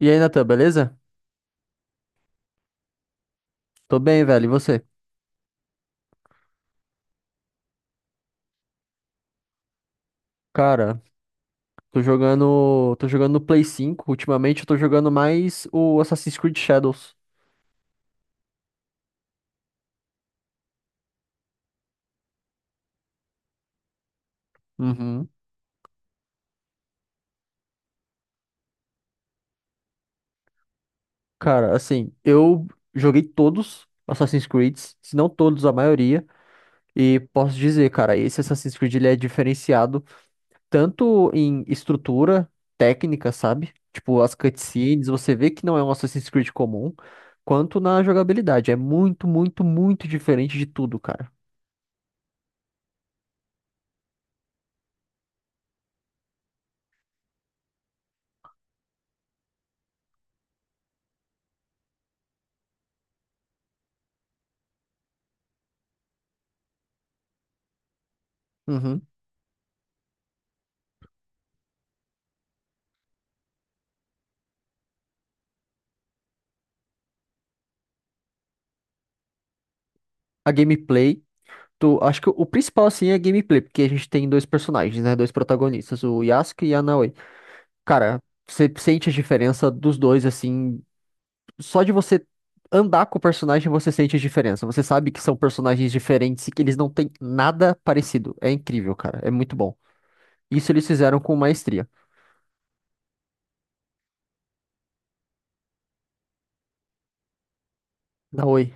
E aí, Natan, beleza? Tô bem, velho. E você? Cara, tô jogando. Tô jogando no Play 5. Ultimamente eu tô jogando mais o Assassin's Creed Shadows. Uhum. Cara, assim, eu joguei todos Assassin's Creeds, se não todos, a maioria. E posso dizer, cara, esse Assassin's Creed ele é diferenciado tanto em estrutura, técnica, sabe? Tipo, as cutscenes, você vê que não é um Assassin's Creed comum, quanto na jogabilidade. É muito, muito, muito diferente de tudo, cara. Uhum. A gameplay. Tu, acho que o principal, assim, é a gameplay, porque a gente tem dois personagens, né? Dois protagonistas, o Yasuke e a Naoi. Cara, você sente a diferença dos dois, assim, só de você andar com o personagem, você sente a diferença. Você sabe que são personagens diferentes e que eles não têm nada parecido. É incrível, cara. É muito bom. Isso eles fizeram com maestria. Naoi.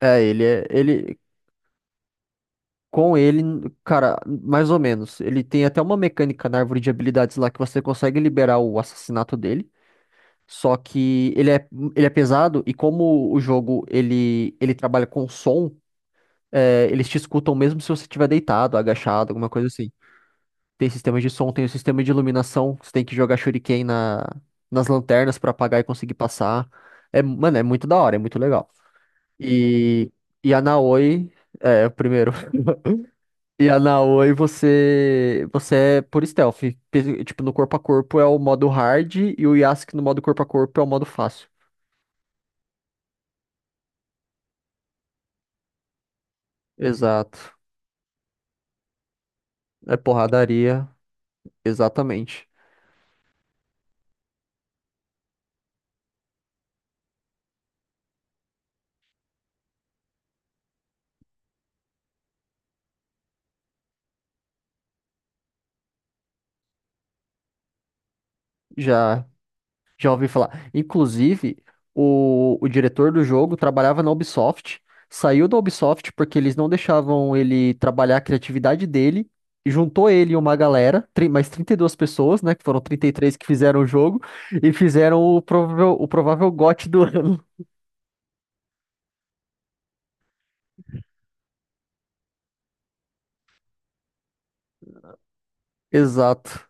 É, ele é. Ele. Com ele, cara, mais ou menos. Ele tem até uma mecânica na árvore de habilidades lá que você consegue liberar o assassinato dele. Só que ele é pesado e como o jogo ele trabalha com som, é, eles te escutam mesmo se você estiver deitado, agachado, alguma coisa assim. Tem sistema de som, tem o sistema de iluminação, você tem que jogar shuriken nas lanternas pra apagar e conseguir passar. É, mano, é muito da hora, é muito legal. E, e a Naoi, é, o primeiro. E a Naoi você é por stealth. Tipo, no corpo a corpo é o modo hard e o Yasuke no modo corpo a corpo é o modo fácil. Exato. É porradaria, exatamente. Já, já ouvi falar. Inclusive, o diretor do jogo trabalhava na Ubisoft, saiu da Ubisoft porque eles não deixavam ele trabalhar a criatividade dele, e juntou ele e uma galera, mais 32 pessoas, né, que foram 33 que fizeram o jogo, e fizeram o provável GOT do ano. Exato.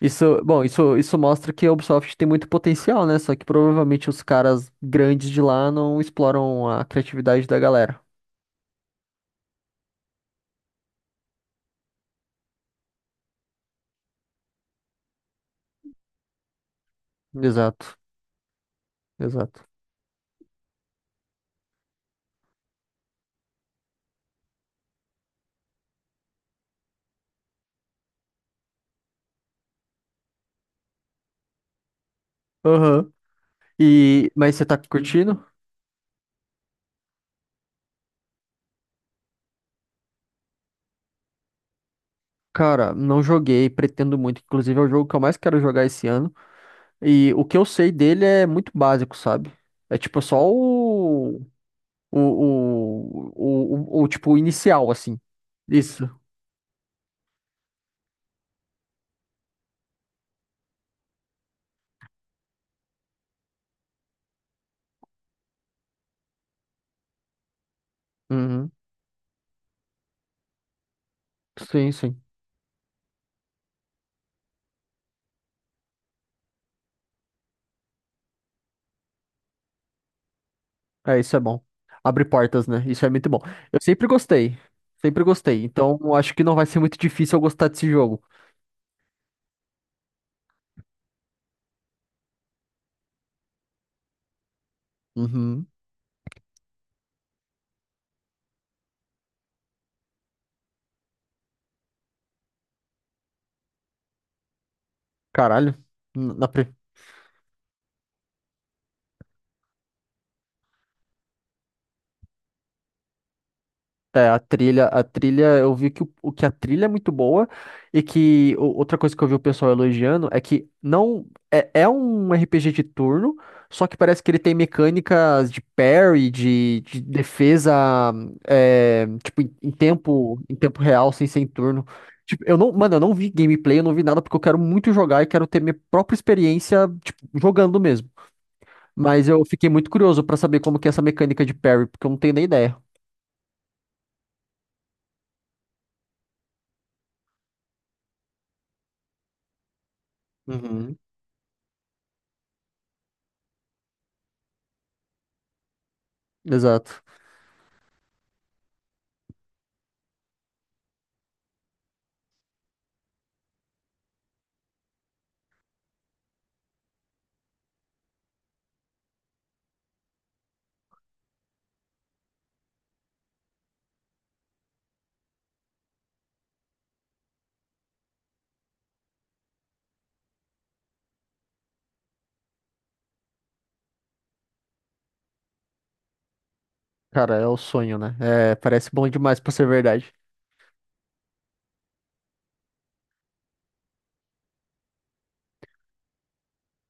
Isso, bom, isso mostra que a Ubisoft tem muito potencial, né? Só que provavelmente os caras grandes de lá não exploram a criatividade da galera. Exato, exato. Aham. E, mas você tá curtindo? Cara, não joguei, pretendo muito. Inclusive, é o jogo que eu mais quero jogar esse ano. E o que eu sei dele é muito básico, sabe? É tipo só o. O, tipo o inicial, assim. Isso. Uhum. Sim, sim. É, isso é bom. Abre portas, né? Isso é muito bom. Eu sempre gostei. Sempre gostei. Então, eu acho que não vai ser muito difícil eu gostar desse jogo. Uhum. Caralho. Na, É, a trilha, eu vi que, o que a trilha é muito boa e que outra coisa que eu vi o pessoal elogiando é que não é, é um RPG de turno, só que parece que ele tem mecânicas de parry, de defesa, é, tipo, em tempo real, sem ser em turno. Tipo, eu não, mano, eu não vi gameplay, eu não vi nada porque eu quero muito jogar e quero ter minha própria experiência, tipo, jogando mesmo. Mas eu fiquei muito curioso pra saber como que é essa mecânica de parry, porque eu não tenho nem ideia. Uhum. Exato. Cara, é o sonho, né? É, parece bom demais pra ser verdade.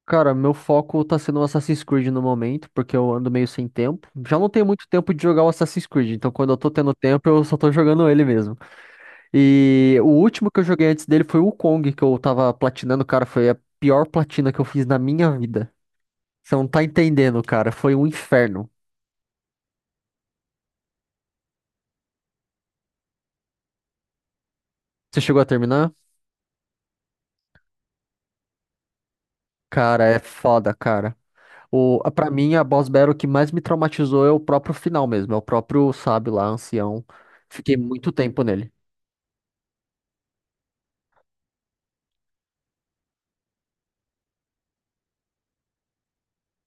Cara, meu foco tá sendo o Assassin's Creed no momento, porque eu ando meio sem tempo. Já não tenho muito tempo de jogar o Assassin's Creed, então quando eu tô tendo tempo, eu só tô jogando ele mesmo. E o último que eu joguei antes dele foi o Kong, que eu tava platinando, cara, foi a pior platina que eu fiz na minha vida. Você não tá entendendo, cara, foi um inferno. Você chegou a terminar? Cara, é foda, cara. Pra mim, a boss battle que mais me traumatizou é o próprio final mesmo, é o próprio sábio lá, ancião. Fiquei muito tempo nele.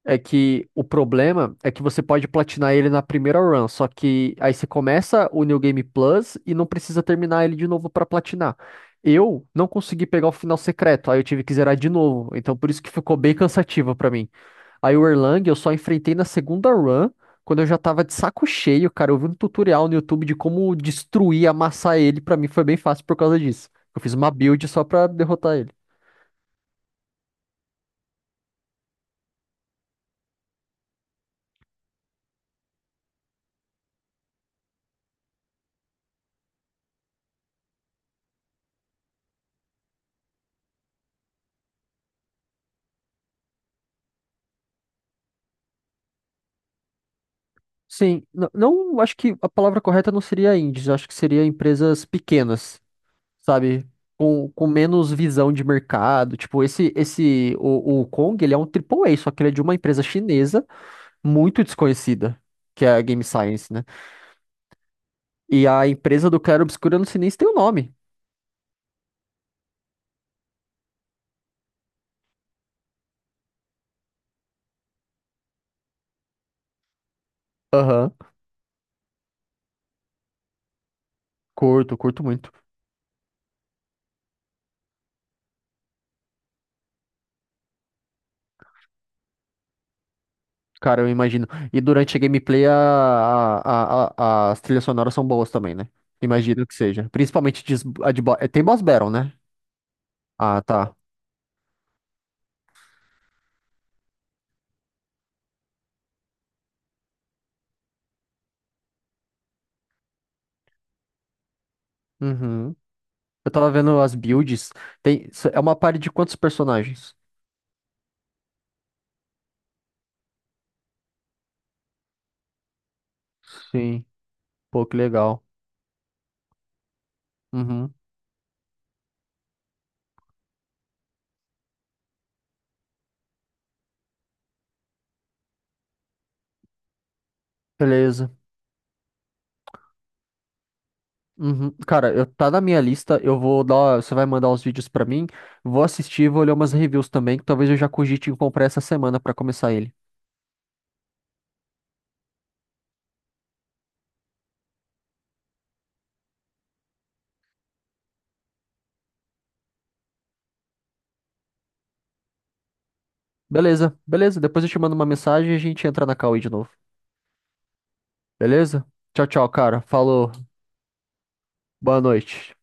É que o problema é que você pode platinar ele na primeira run, só que aí você começa o New Game Plus e não precisa terminar ele de novo pra platinar. Eu não consegui pegar o final secreto, aí eu tive que zerar de novo, então por isso que ficou bem cansativo pra mim. Aí o Erlang eu só enfrentei na segunda run, quando eu já tava de saco cheio, cara. Eu vi um tutorial no YouTube de como destruir, amassar ele. Pra mim foi bem fácil por causa disso. Eu fiz uma build só pra derrotar ele. Sim, não, acho que a palavra correta não seria indies, acho que seria empresas pequenas, sabe? Com menos visão de mercado. Tipo, o Kong, ele é um AAA, só que ele é de uma empresa chinesa muito desconhecida, que é a Game Science, né? E a empresa do Claro Obscuro, eu não sei nem se tem o nome. Aham. Curto muito. Cara, eu imagino. E durante a gameplay a- as trilhas sonoras são boas também, né? Imagino que seja. Principalmente de, a de bo- é, tem boss battle, né? Ah, tá. Uhum. Eu tava vendo as builds. Tem... É uma party de quantos personagens? Sim. Pô, que legal. Uhum. Beleza. Uhum. Cara, tá na minha lista. Eu vou dar. Você vai mandar os vídeos pra mim. Vou assistir, vou ler umas reviews também. Que talvez eu já cogite em comprar essa semana pra começar ele. Beleza, beleza. Depois eu te mando uma mensagem e a gente entra na Cauê de novo. Beleza? Tchau, tchau, cara. Falou. Boa noite.